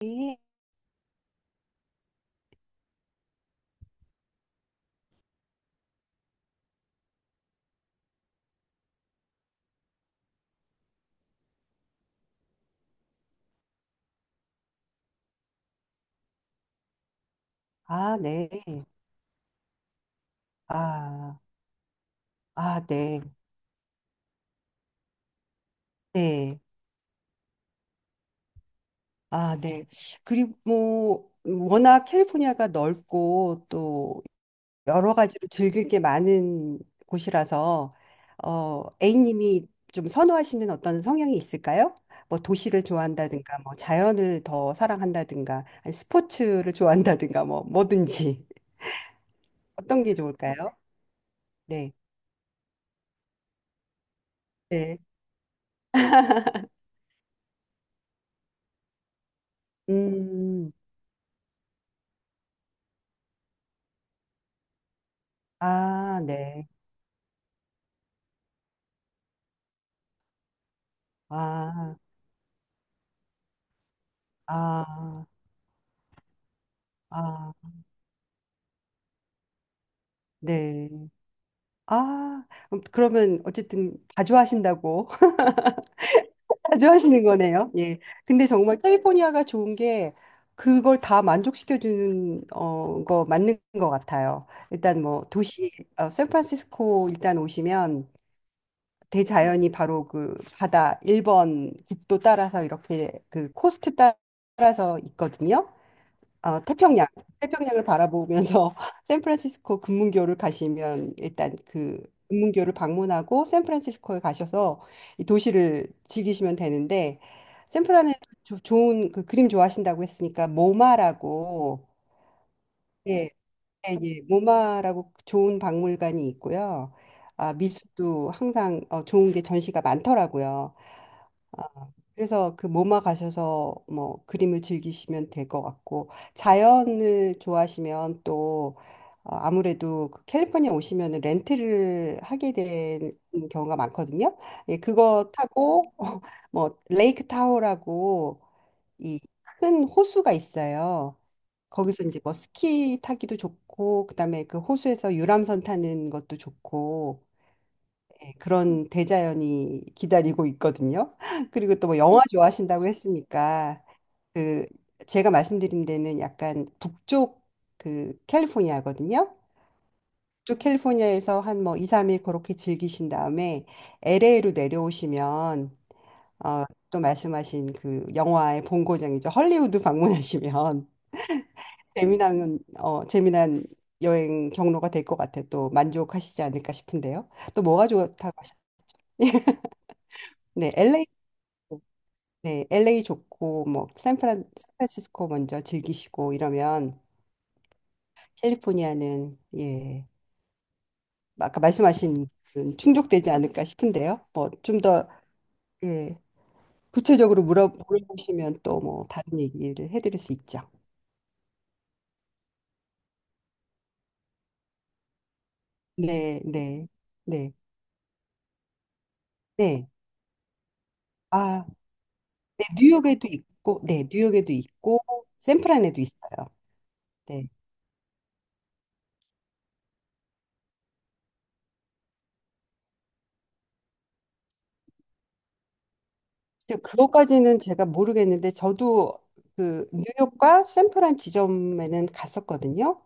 네. 아, 네. 아, 아, 네. 네. 아, 네. 그리고 뭐, 워낙 캘리포니아가 넓고 또 여러 가지로 즐길 게 많은 곳이라서, A님이 좀 선호하시는 어떤 성향이 있을까요? 뭐 도시를 좋아한다든가, 뭐 자연을 더 사랑한다든가, 아니, 스포츠를 좋아한다든가, 뭐 뭐든지. 어떤 게 좋을까요? 네. 네. 음, 아, 네. 아, 아. 아, 네. 아, 그러면 어쨌든 다 좋아하신다고 다 좋아하시는 거네요. 예. 근데 정말 캘리포니아가 좋은 게 그걸 다 만족시켜주는 거 맞는 것 같아요. 일단 뭐 도시 샌프란시스코 일단 오시면 대자연이 바로 그 바다 1번 국도 따라서 이렇게 그 코스트 따라서 있거든요. 어, 태평양, 태평양을 바라보면서 샌프란시스코 금문교를 가시면 일단 그 금문교를 방문하고 샌프란시스코에 가셔서 이 도시를 즐기시면 되는데 샌프란에 좋은 그 그림 좋아하신다고 했으니까 모마라고 예, 예, 예, 모마라고 좋은 박물관이 있고요. 아, 미술도 항상 좋은 게 전시가 많더라고요. 그래서 그 모마 가셔서 뭐 그림을 즐기시면 될 것 같고 자연을 좋아하시면 또 아무래도 그 캘리포니아 오시면은 렌트를 하게 된 경우가 많거든요. 예, 그거 타고 뭐 레이크 타호라고 이 큰 호수가 있어요. 거기서 이제 뭐 스키 타기도 좋고 그다음에 그 호수에서 유람선 타는 것도 좋고 네, 그런 대자연이 기다리고 있거든요. 그리고 또 뭐 영화 좋아하신다고 했으니까 그 제가 말씀드린 데는 약간 북쪽 그 캘리포니아거든요. 북쪽 캘리포니아에서 한 뭐 2, 3일 그렇게 즐기신 다음에 LA로 내려오시면 또 말씀하신 그 영화의 본고장이죠. 헐리우드 방문하시면 재미난 여행 경로가 될 것 같아요. 또 만족하시지 않을까 싶은데요. 또 뭐가 좋다고 하셨 네, LA 네, LA 좋고 뭐 샌프란시스코 먼저 즐기시고 이러면 캘리포니아는 예, 아까 말씀하신 그 충족되지 않을까 싶은데요. 뭐 좀 더 예, 구체적으로 물어보시면 또 뭐 다른 얘기를 해드릴 수 있죠. 네, 네, 네, 네. 아, 네, 뉴욕에도 있고, 네, 뉴욕에도 있고 샌프란에도 있어요. 네. 근데 그것까지는 제가 모르겠는데 저도 그 뉴욕과 샌프란 지점에는 갔었거든요.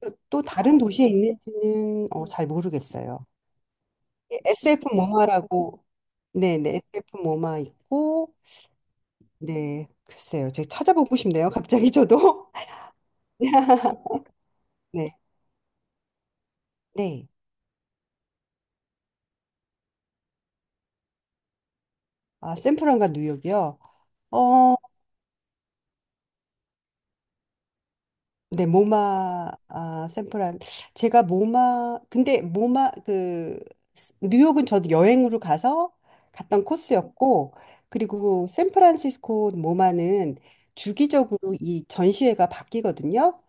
또 다른 도시에 있는지는 잘 모르겠어요. SF 모마라고, 네네, SF 모마 있고, 네, 글쎄요. 제가 찾아보고 싶네요. 갑자기 저도. 네, 네. 아, 샌프란과 뉴욕이요? 어, 네, 모마 아, 샌프란 제가 모마 근데 모마 그 뉴욕은 저도 여행으로 가서 갔던 코스였고 그리고 샌프란시스코 모마는 주기적으로 이 전시회가 바뀌거든요.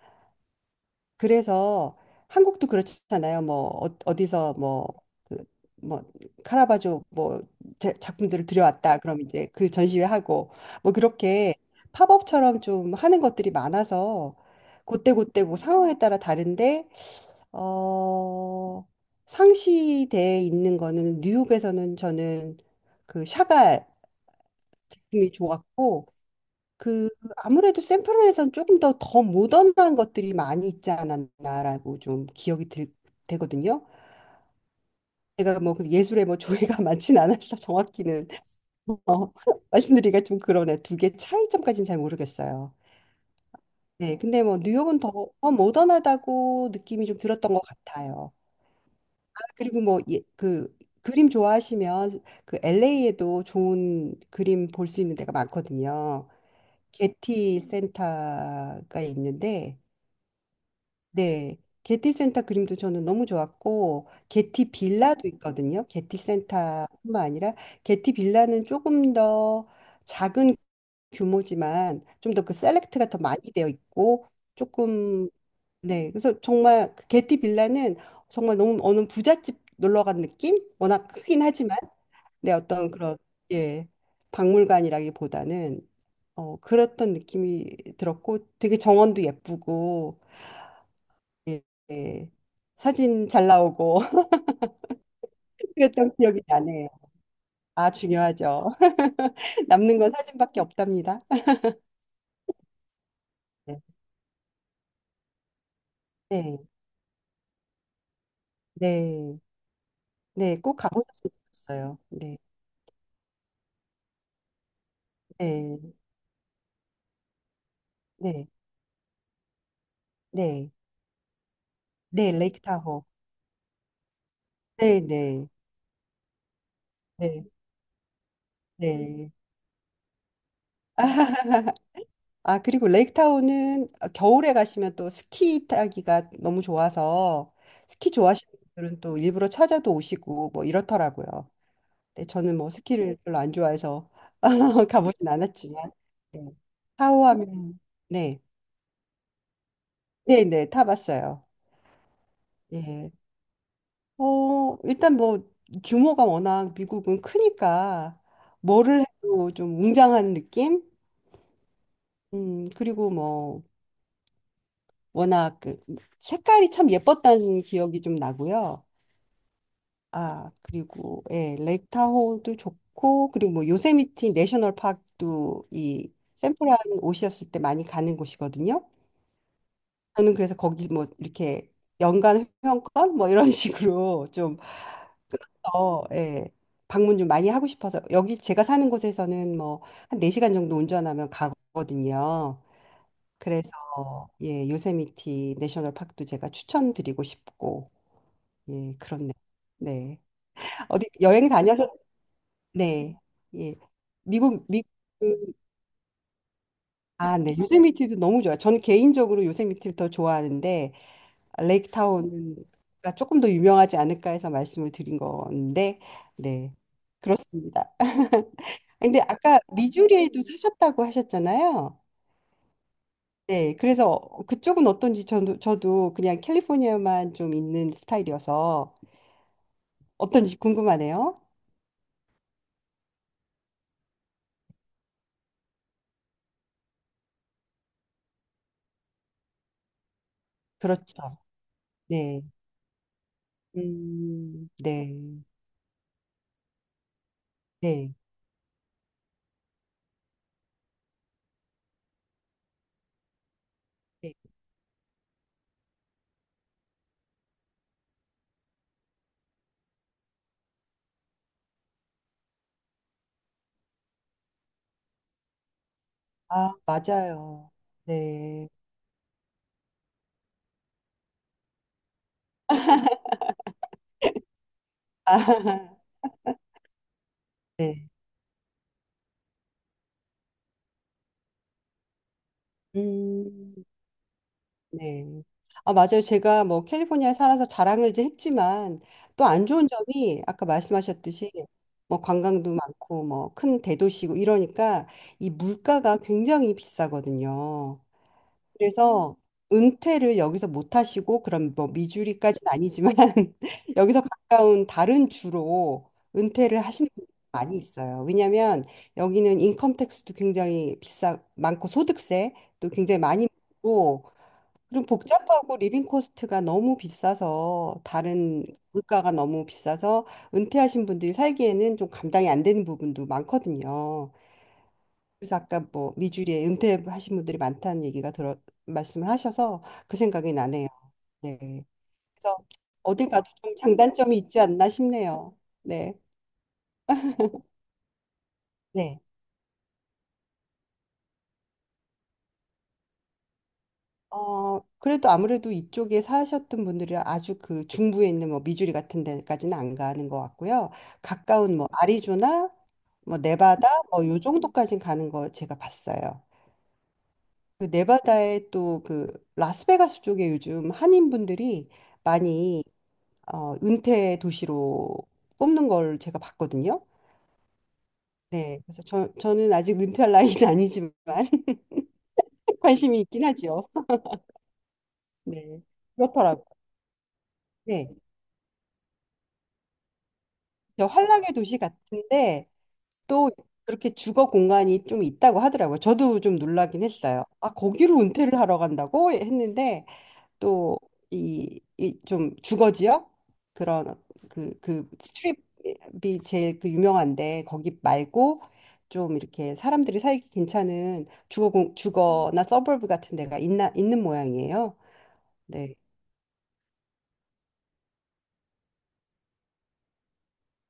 그래서 한국도 그렇잖아요. 뭐 어디서 뭐 그 뭐 카라바조 뭐 작품들을 들여왔다. 그럼 이제 그 전시회 하고 뭐 그렇게 팝업처럼 좀 하는 것들이 많아서 그때그때 그 상황에 따라 다른데 어 상시대에 있는 거는 뉴욕에서는 저는 그 샤갈 작품이 좋았고 그 아무래도 샌프란에서는 조금 더 모던한 것들이 많이 있지 않았나라고 좀 기억이 들, 되거든요. 제가 뭐그 예술에 뭐 조예가 많진 않아서 정확히는 어, 말씀드리기가 좀 그러네. 2개 차이점까지는 잘 모르겠어요. 네, 근데 뭐 뉴욕은 더 모던하다고 느낌이 좀 들었던 것 같아요. 아, 그리고 뭐 예, 그 그림 좋아하시면 그 LA에도 좋은 그림 볼 수 있는 데가 많거든요. 게티 센터가 있는데 네. 게티 센터 그림도 저는 너무 좋았고, 게티 빌라도 있거든요. 게티 센터뿐만 아니라, 게티 빌라는 조금 더 작은 규모지만, 좀 더 그 셀렉트가 더 많이 되어 있고, 조금, 네. 그래서 정말, 그 게티 빌라는 정말 너무 어느 부잣집 놀러 간 느낌? 워낙 크긴 하지만, 네. 어떤 그런, 예. 박물관이라기보다는, 그랬던 느낌이 들었고, 되게 정원도 예쁘고, 예, 예. 사진 잘 나오고 그랬던 기억이 나네요. 아, 중요하죠. 남는 건 사진밖에 없답니다. 네, 네, 네, 네, 꼭 가보셨으면 좋겠어요. 네, 네, 네, 네, 네, 레이크 타호. 네, 네, 네, 네. 아, 그리고 레이크 타호는 겨울에 가시면 또 스키 타기가 너무 좋아서 스키 좋아하시는 분들은 또 일부러 찾아도 오시고 뭐 이렇더라고요. 네, 저는 뭐 스키를 별로 안 좋아해서 가보진 않았지만 네. 타오하면 네, 네, 네, 타봤어요. 예. 일단 뭐 규모가 워낙 미국은 크니까 뭐를 해도 좀 웅장한 느낌? 그리고 뭐 워낙 그 색깔이 참 예뻤다는 기억이 좀 나고요. 아, 그리고 예, 레이크 타호도 좋고 그리고 뭐 요세미티 내셔널 파크도 이 샌프란 오셨을 때 많이 가는 곳이거든요. 저는 그래서 거기 뭐 이렇게 연간 회원권 뭐 이런 식으로 좀 더, 예, 방문 좀 많이 하고 싶어서 여기 제가 사는 곳에서는 뭐 한 4시간 정도 운전하면 가거든요. 그래서 예, 요세미티 내셔널 파크도 제가 추천드리고 싶고 예, 그렇네요. 네. 네. 어디 여행 다녀서 네. 예. 미국 미 아, 네. 요세미티도 너무 좋아요. 저는 개인적으로 요세미티를 더 좋아하는데 레이크타운가 조금 더 유명하지 않을까 해서 말씀을 드린 건데, 네, 그렇습니다. 근데 아까 미주리에도 사셨다고 하셨잖아요. 네, 그래서 그쪽은 어떤지 저도 그냥 캘리포니아만 좀 있는 스타일이어서 어떤지 궁금하네요. 그렇죠. 네, 네, 네, 네. 아, 맞아요. 네, 아, 네, 음. 네. 아, 맞아요. 제가 뭐 캘리포니아에 살아서 자랑을 이제 했지만 또 안 좋은 점이 아까 말씀하셨듯이 뭐 관광도 많고 뭐 큰 대도시고 이러니까 이 물가가 굉장히 비싸거든요. 그래서 은퇴를 여기서 못 하시고 그럼 뭐 미주리까지는 아니지만 여기서 가까운 다른 주로 은퇴를 하시는 분들이 많이 있어요. 왜냐하면 여기는 인컴 텍스도 굉장히 비싸 많고 소득세도 굉장히 많이 고 그 복잡하고 리빙 코스트가 너무 비싸서 다른 물가가 너무 비싸서 은퇴하신 분들이 살기에는 좀 감당이 안 되는 부분도 많거든요. 그래서 아까 뭐 미주리에 은퇴하신 분들이 많다는 얘기가 들어 말씀을 하셔서 그 생각이 나네요. 네. 그래서 어딜 가도 좀 장단점이 있지 않나 싶네요. 네. 네. 그래도 아무래도 이쪽에 사셨던 분들이 아주 그 중부에 있는 뭐 미주리 같은 데까지는 안 가는 것 같고요. 가까운 뭐 아리조나, 뭐 네바다, 뭐 요 정도까는 가는 거 제가 봤어요. 그 네바다에 또 그 라스베가스 쪽에 요즘 한인분들이 많이 은퇴 도시로 꼽는 걸 제가 봤거든요. 네. 그래서 저는 아직 은퇴할 나이는 아니지만 관심이 있긴 하죠. 네. 그렇더라고요. 네. 저 환락의 도시 같은데 또 그렇게 주거 공간이 좀 있다고 하더라고요. 저도 좀 놀라긴 했어요. 아, 거기로 은퇴를 하러 간다고 했는데 또 이 좀 주거 지역 그런 그 스트립이 제일 그 유명한데 거기 말고 좀 이렇게 사람들이 살기 괜찮은 주거나 서버브 같은 데가 있나 있는 모양이에요. 네.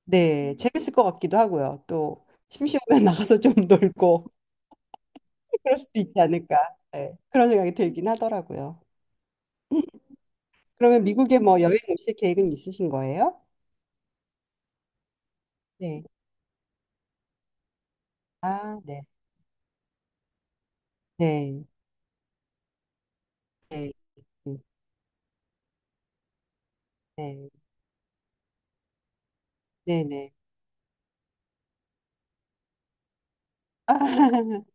네, 재밌을 것 같기도 하고요. 또 심심하면 나가서 좀 놀고 그럴 수도 있지 않을까. 예, 그런 생각이 들긴 하더라고요. 그러면 미국에 뭐 여행 오실 계획은 있으신 거예요? 네. 아, 네. 네. 네. 네. 네. 네. 네. 아,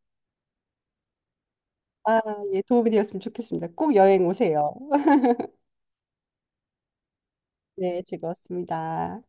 아, 예, 도움이 되었으면 좋겠습니다. 꼭 여행 오세요. 네, 즐거웠습니다.